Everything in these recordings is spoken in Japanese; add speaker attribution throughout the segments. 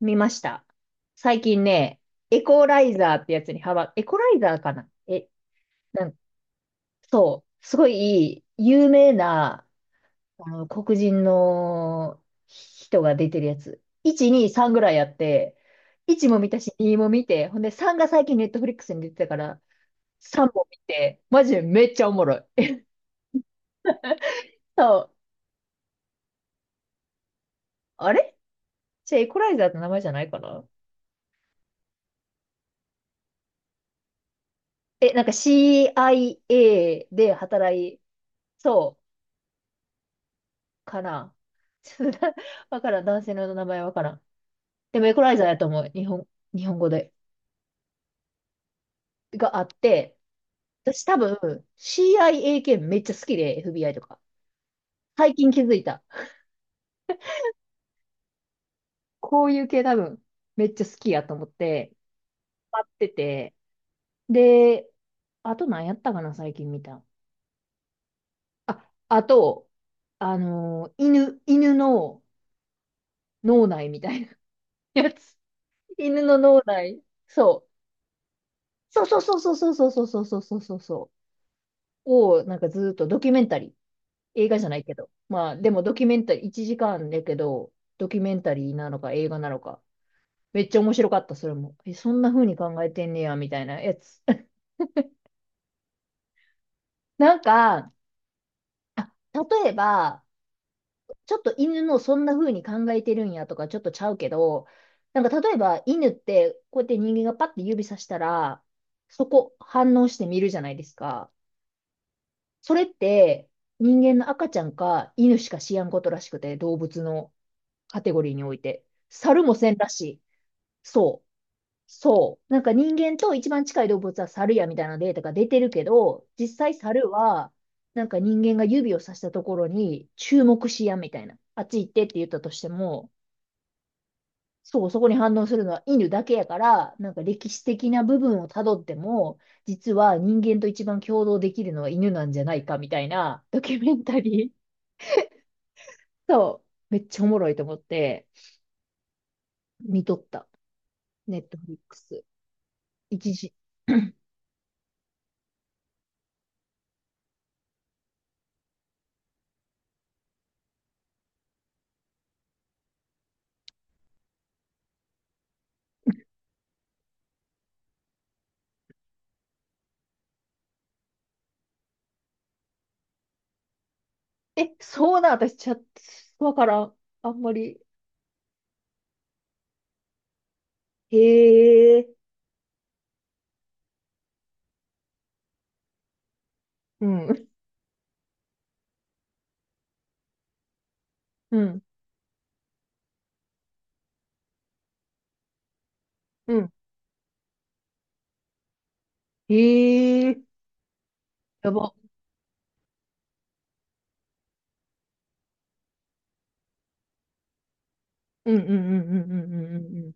Speaker 1: 見ました。最近ね、エコライザーってやつにハマ、エコライザーかななん、そう、すごい有名な、あの、黒人の人が出てるやつ。1、2、3ぐらいあって、1も見たし、2も見て、ほんで3が最近ネットフリックスに出てたから、3も見て、マジでめっちゃおもろい。え、そう、あれじゃあエコライザーって名前じゃないかななんか CIA で働い、そう。かな。ちょっとな、わからん。男性の名前わからん。でもエコライザーやと思う。日本語で。があって、私多分 CIA 系めっちゃ好きで、FBI とか。最近気づいた。こういう系多分めっちゃ好きやと思って、待ってて。で、あと何やったかな、最近見た。あ、あと、犬の脳内みたいなやつ。犬の脳内。そう。そうそうそうそうそうそうそうそうそうそうそう。を、なんかずーっとドキュメンタリー。映画じゃないけど。まあ、でもドキュメンタリー、1時間だけど、ドキュメンタリーなのか映画なのか。めっちゃ面白かった、それも。え、そんな風に考えてんねや、みたいなやつ。なんか、あ、例えば、ちょっと犬のそんな風に考えてるんやとか、ちょっとちゃうけど、なんか例えば犬って、こうやって人間がパッて指さしたら、そこ反応して見るじゃないですか。それって、人間の赤ちゃんか犬しか知らんことらしくて、動物の。カテゴリーにおいて。猿もせんらしい。そう。そう。なんか人間と一番近い動物は猿やみたいなデータが出てるけど、実際猿は、なんか人間が指をさしたところに注目しやみたいな。あっち行ってって言ったとしても、そう、そこに反応するのは犬だけやから、なんか歴史的な部分をたどっても、実は人間と一番共同できるのは犬なんじゃないかみたいなドキュメンタリー。そう。めっちゃおもろいと思って見とった。ネットフリックス。一時。え、そうなん、私、チャット、わからん。あんまり。へえ。うん。うん。うん。へえ。やば。うんうんうんうんうんうんうんうん。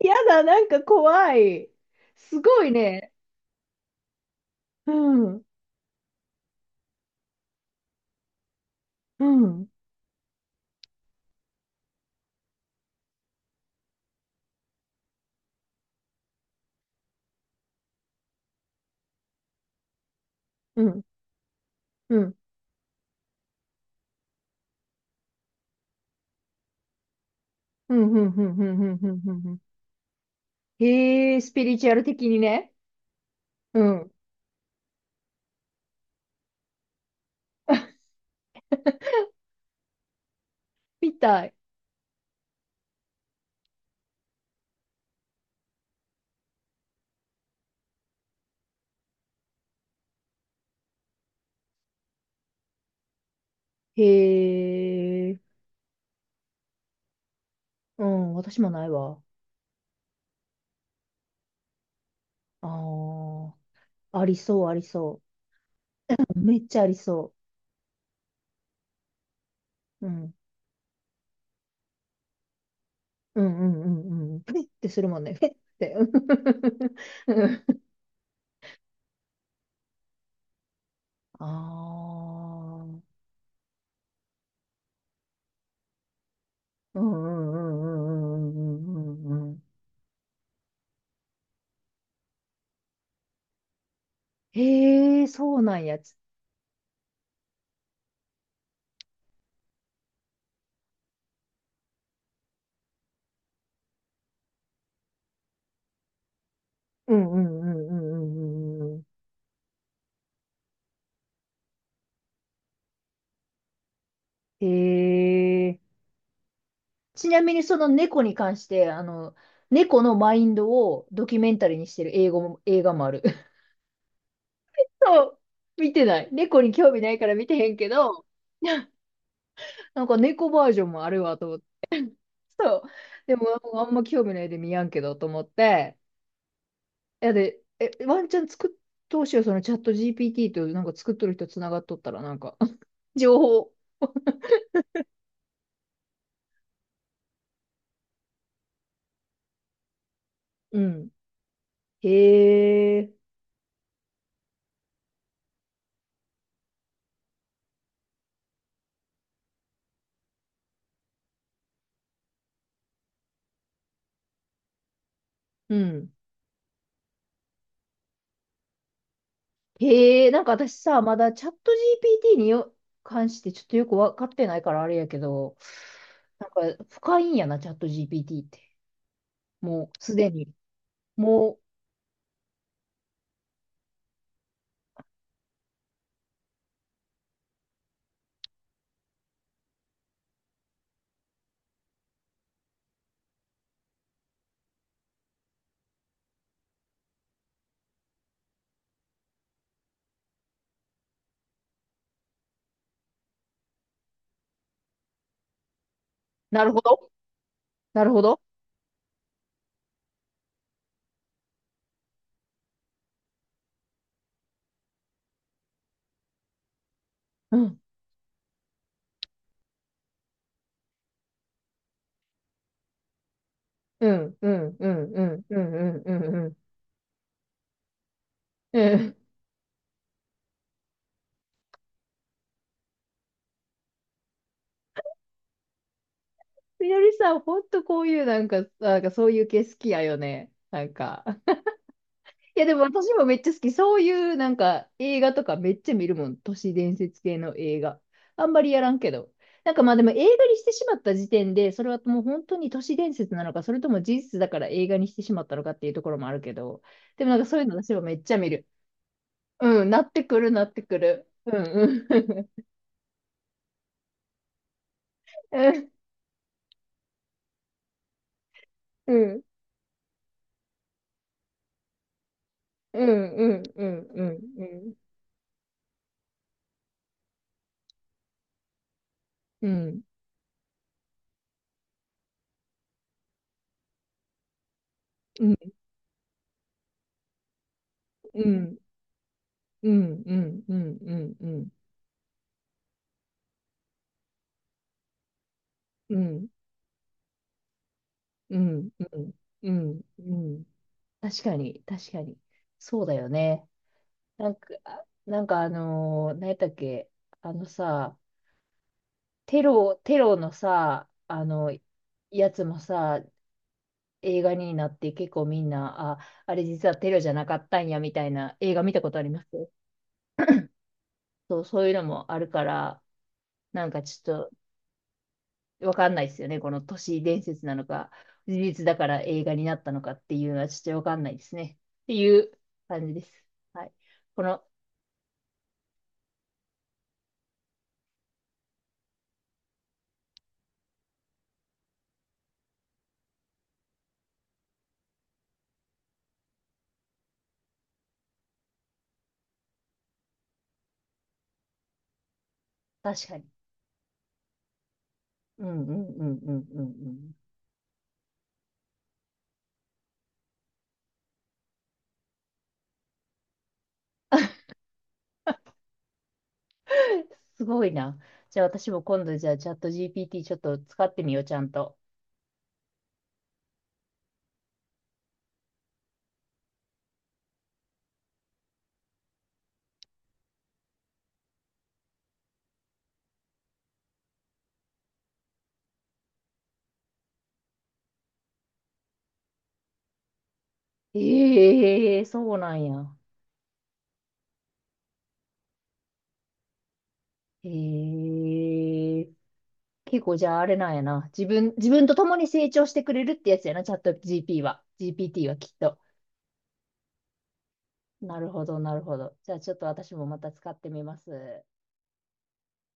Speaker 1: やだ、なんか怖い。すごいね。うん。うん。うん。うん。うん。うん。うん。うん。うん。うんうんうん、へえ、スピリチュアル的にね。うん。みたい。へえ。うん。私もないわ。ああ。ありそう、ありそう。めっちゃありそう。うん。うんうんうんうん。ふいってするもんね。ふいって。うん、ああー。うんうんうんうんうんうんうんうん。へえ、そうなんやつ。うんうんうんうんうんうんうん。へえ。ちなみにその猫に関して、猫のマインドをドキュメンタリーにしてる英語も、映画もある。そう、見てない。猫に興味ないから見てへんけど、なんか猫バージョンもあるわと思って、そう。でも、あんま興味ないで見やんけどと思って。いやで、え、ワンチャン作っ、当うしよう、そのチャット GPT となんか作っとる人つながっとったら、なんか、情報。うん。へえ。うん。へえ。なんか私さ、まだチャット GPT によ関してちょっとよくわかってないからあれやけど、なんか深いんやな、チャット GPT って。もうすでに。もう、なるほど。なるほど。うん。うん。うん。うん。うん。うん。うん。うん。うん。うん、スニオリさん、本当こういうなんかそういう系好きだよね。なんか、いやでも私もめっちゃ好き。そういうなんか映画とかめっちゃ見るもん。都市伝説系の映画。あんまりやらんけど。なんかまあでも映画にしてしまった時点で、それはともう本当に都市伝説なのかそれとも事実だから映画にしてしまったのかっていうところもあるけど。でもなんかそういうの私はめっちゃ見る。うん。なってくるなってくる。うんうん。うんうんうんうんうんうんうんうん。うんうんうんうんうんうんうんうんうんうん、確かに確かに、そうだよね。何やったっけ？あのさ、テロのさ、あのやつもさ、映画になって結構みんな、あ、あれ実はテロじゃなかったんやみたいな映画見たことあります？そう、そういうのもあるから、なんかちょっとわかんないですよね。この都市伝説なのか、事実だから映画になったのかっていうのはちょっとわかんないですね。っていう感じです。はい。この、確かに。うんうんうんうんうんうん。すごいな。じゃあ私も今度じゃあチャット GPT ちょっと使ってみよう、ちゃんと。ええ、そうなんや。ええ、結構じゃああれなんやな。自分と共に成長してくれるってやつやな、チャット GP は。GPT はきっと。なるほど、なるほど。じゃあちょっと私もまた使ってみます。